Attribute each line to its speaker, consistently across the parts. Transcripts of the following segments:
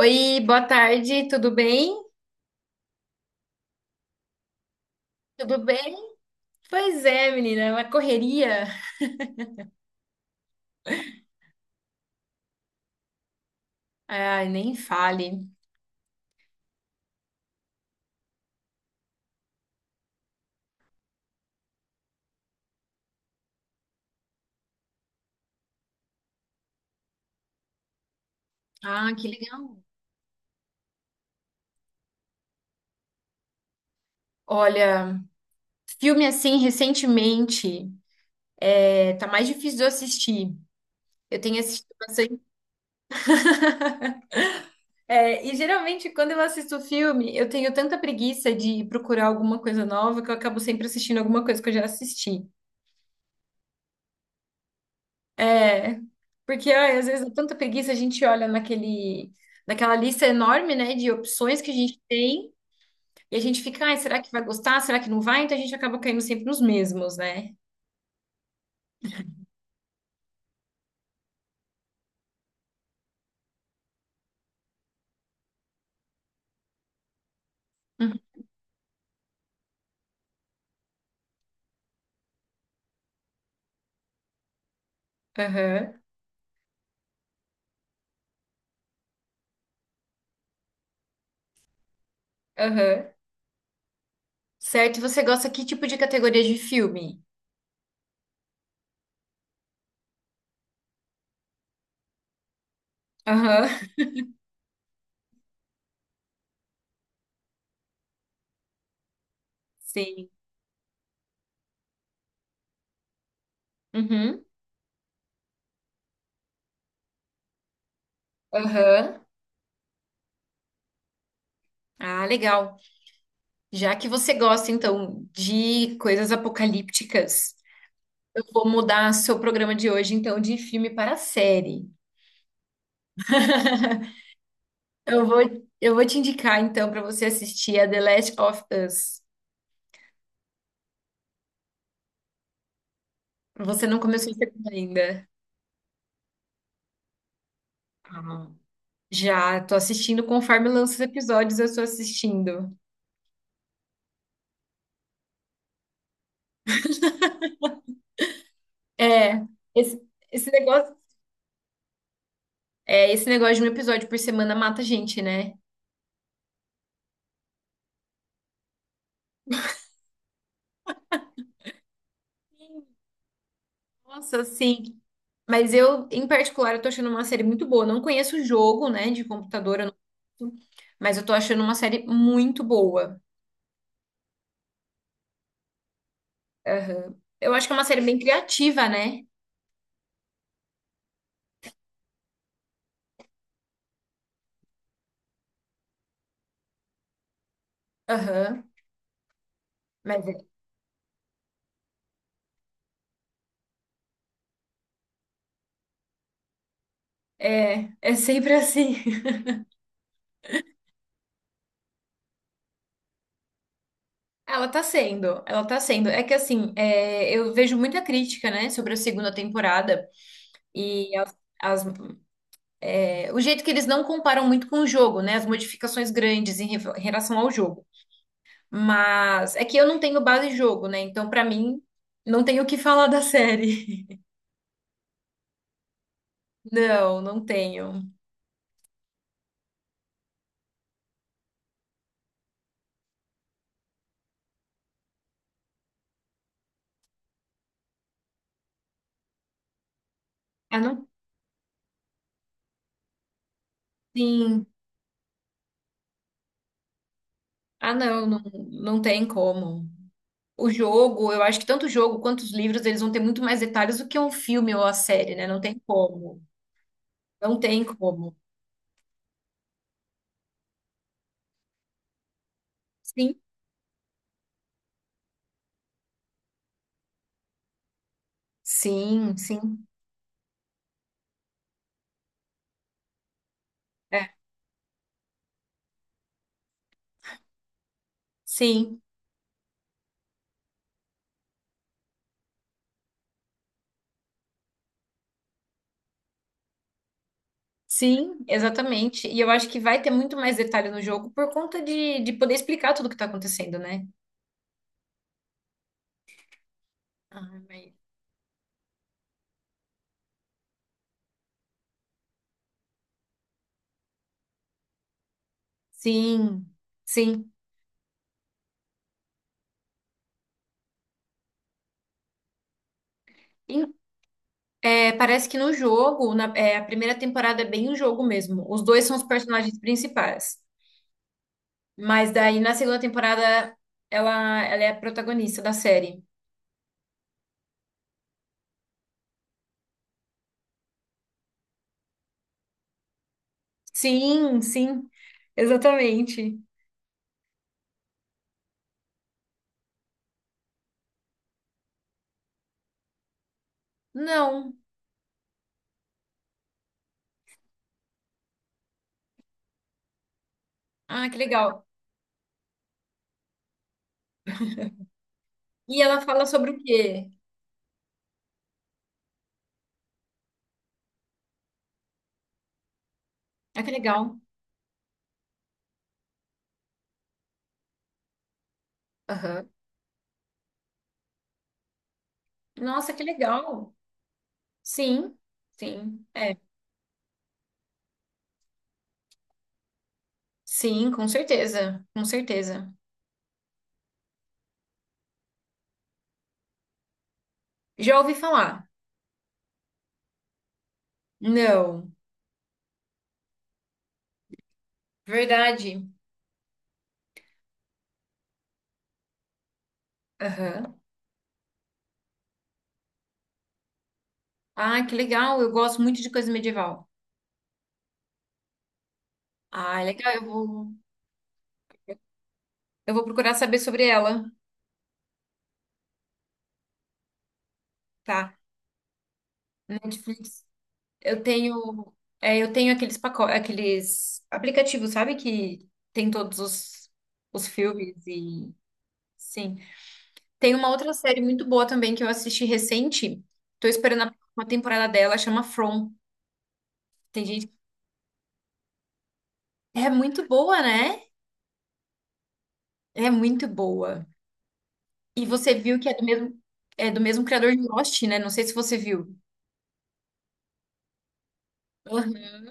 Speaker 1: Oi, boa tarde, tudo bem? Tudo bem? Pois é, menina, é uma correria. Ai, nem fale. Ah, que legal. Olha, filme assim, recentemente, tá mais difícil de eu assistir. Eu tenho assistido bastante. É, e geralmente, quando eu assisto filme, eu tenho tanta preguiça de procurar alguma coisa nova que eu acabo sempre assistindo alguma coisa que eu já assisti. É, porque ai, às vezes, dá tanta preguiça, a gente olha naquela lista enorme, né, de opções que a gente tem. E a gente fica, ai, será que vai gostar? Será que não vai? Então a gente acaba caindo sempre nos mesmos, né? Uhum. Aham, aham. Certo, e você gosta que tipo de categoria de filme? Aham, sim. Uhum, aham. Ah, legal. Já que você gosta, então, de coisas apocalípticas, eu vou mudar seu programa de hoje, então, de filme para série. Eu vou, eu vou te indicar, então, para você assistir a The Last of Us. Você não começou a assistir ainda. Já, tô assistindo conforme lança os episódios, eu tô assistindo. É, esse, esse negócio, é, esse negócio de um episódio por semana mata a gente, né? Nossa, sim. Mas eu, em particular, eu tô achando uma série muito boa. Eu não conheço o jogo, né, de computador, eu não- mas eu tô achando uma série muito boa. Aham. Eu acho que é uma série bem criativa, né? Aham. Mas é, é sempre assim. Ela tá sendo. É que assim, é, eu vejo muita crítica, né, sobre a segunda temporada. E as- as- é, o jeito que eles não comparam muito com o jogo, né? As modificações grandes em relação ao jogo. Mas é que eu não tenho base de jogo, né? Então, pra mim, não tenho o que falar da série. Não, não tenho. Ah, não? Sim. Ah, não, não, não tem como. O jogo, eu acho que tanto o jogo quanto os livros, eles vão ter muito mais detalhes do que um filme ou a série, né? Não tem como. Não tem como. Sim, sim, sim. É, sim. Sim, exatamente. E eu acho que vai ter muito mais detalhe no jogo por conta de poder explicar tudo o que tá acontecendo, né? Ah, mas... Sim, sim. Em- é, parece que no jogo, é, a primeira temporada é bem o jogo mesmo. Os dois são os personagens principais. Mas daí na segunda temporada ela é a protagonista da série. Sim, sim, exatamente. Não. Ah, que legal. E ela fala sobre o quê? Ah, que legal. Aham. Nossa, que legal. Sim, sim, é. Sim, com certeza, com certeza. Já ouvi falar? Não. Verdade. Aham. Ah, que legal. Eu gosto muito de coisa medieval. Ah, legal. Eu vou procurar saber sobre ela, tá? Netflix. Eu tenho, é, eu tenho aqueles pacotes, aqueles aplicativos, sabe? Que tem os filmes e sim. Tem uma outra série muito boa também que eu assisti recente. Tô esperando a próxima temporada dela, chama From. Tem gente que é muito boa, né? É muito boa. E você viu que é do mesmo criador de Lost, né? Não sei se você viu. Uhum.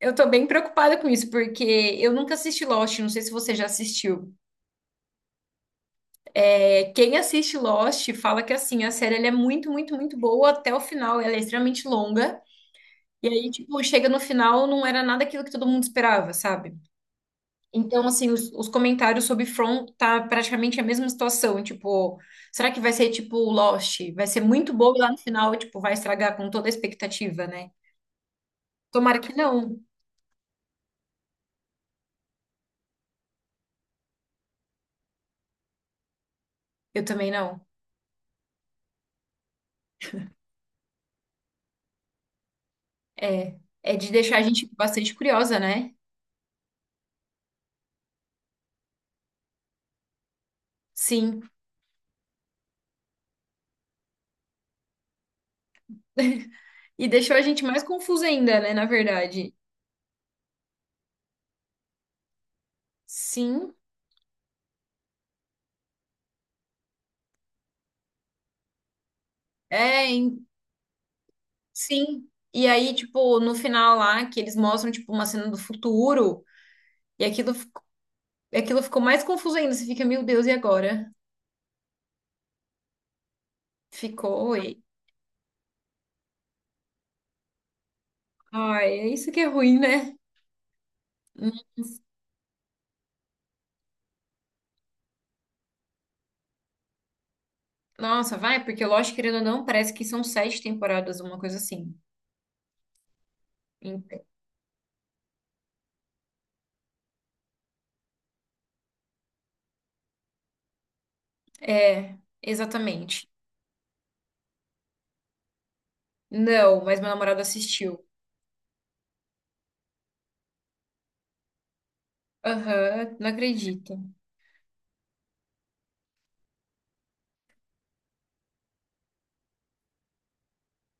Speaker 1: Eu tô bem preocupada com isso, porque eu nunca assisti Lost, não sei se você já assistiu. É, quem assiste Lost fala que assim, a série ela é muito, muito, muito boa até o final, ela é extremamente longa. E aí, tipo, chega no final, não era nada aquilo que todo mundo esperava, sabe? Então, assim, os comentários sobre From tá praticamente a mesma situação. Tipo, será que vai ser tipo Lost? Vai ser muito bobo lá no final, tipo, vai estragar com toda a expectativa, né? Tomara que não. Eu também não. É, é de deixar a gente bastante curiosa, né? Sim. E deixou a gente mais confusa ainda, né? Na verdade. Sim. É, em- sim. E aí, tipo, no final lá, que eles mostram, tipo, uma cena do futuro, e aquilo, fi- aquilo ficou mais confuso ainda. Você fica, meu Deus, e agora? Ficou e. Ai, é isso que é ruim, né? Nossa, vai, porque lógico, querendo ou não, parece que são sete temporadas, uma coisa assim. Ent- É, exatamente. Não, mas meu namorado assistiu. Aham, não acredito.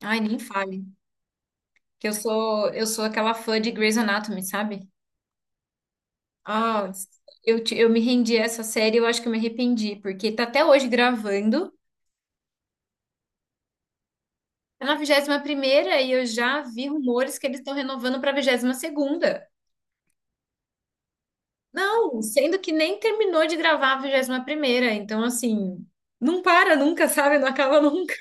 Speaker 1: Ai, nem fale. Que eu sou aquela fã de Grey's Anatomy, sabe? Ah, eu me rendi a essa série, eu acho que eu me arrependi, porque tá até hoje gravando. É na 21ª primeira e eu já vi rumores que eles estão renovando pra 22ª segunda. Não, sendo que nem terminou de gravar a 21ª primeira, então assim, não para nunca, sabe? Não acaba nunca.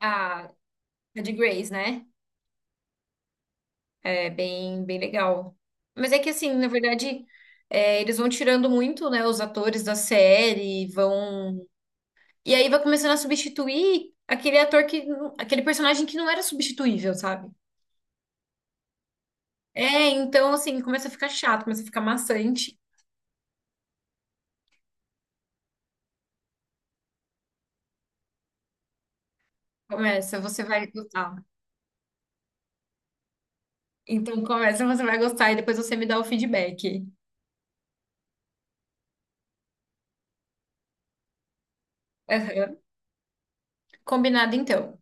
Speaker 1: A, a de Grace, né? É bem, bem legal. Mas é que assim, na verdade, é, eles vão tirando muito, né, os atores da série, vão... E aí vai começando a substituir aquele ator que... aquele personagem que não era substituível, sabe? É, então assim, começa a ficar chato, começa a ficar maçante. Começa, você vai gostar. Então começa, você vai gostar e depois você me dá o feedback. Aham. Combinado então.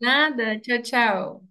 Speaker 1: Nada, tchau, tchau.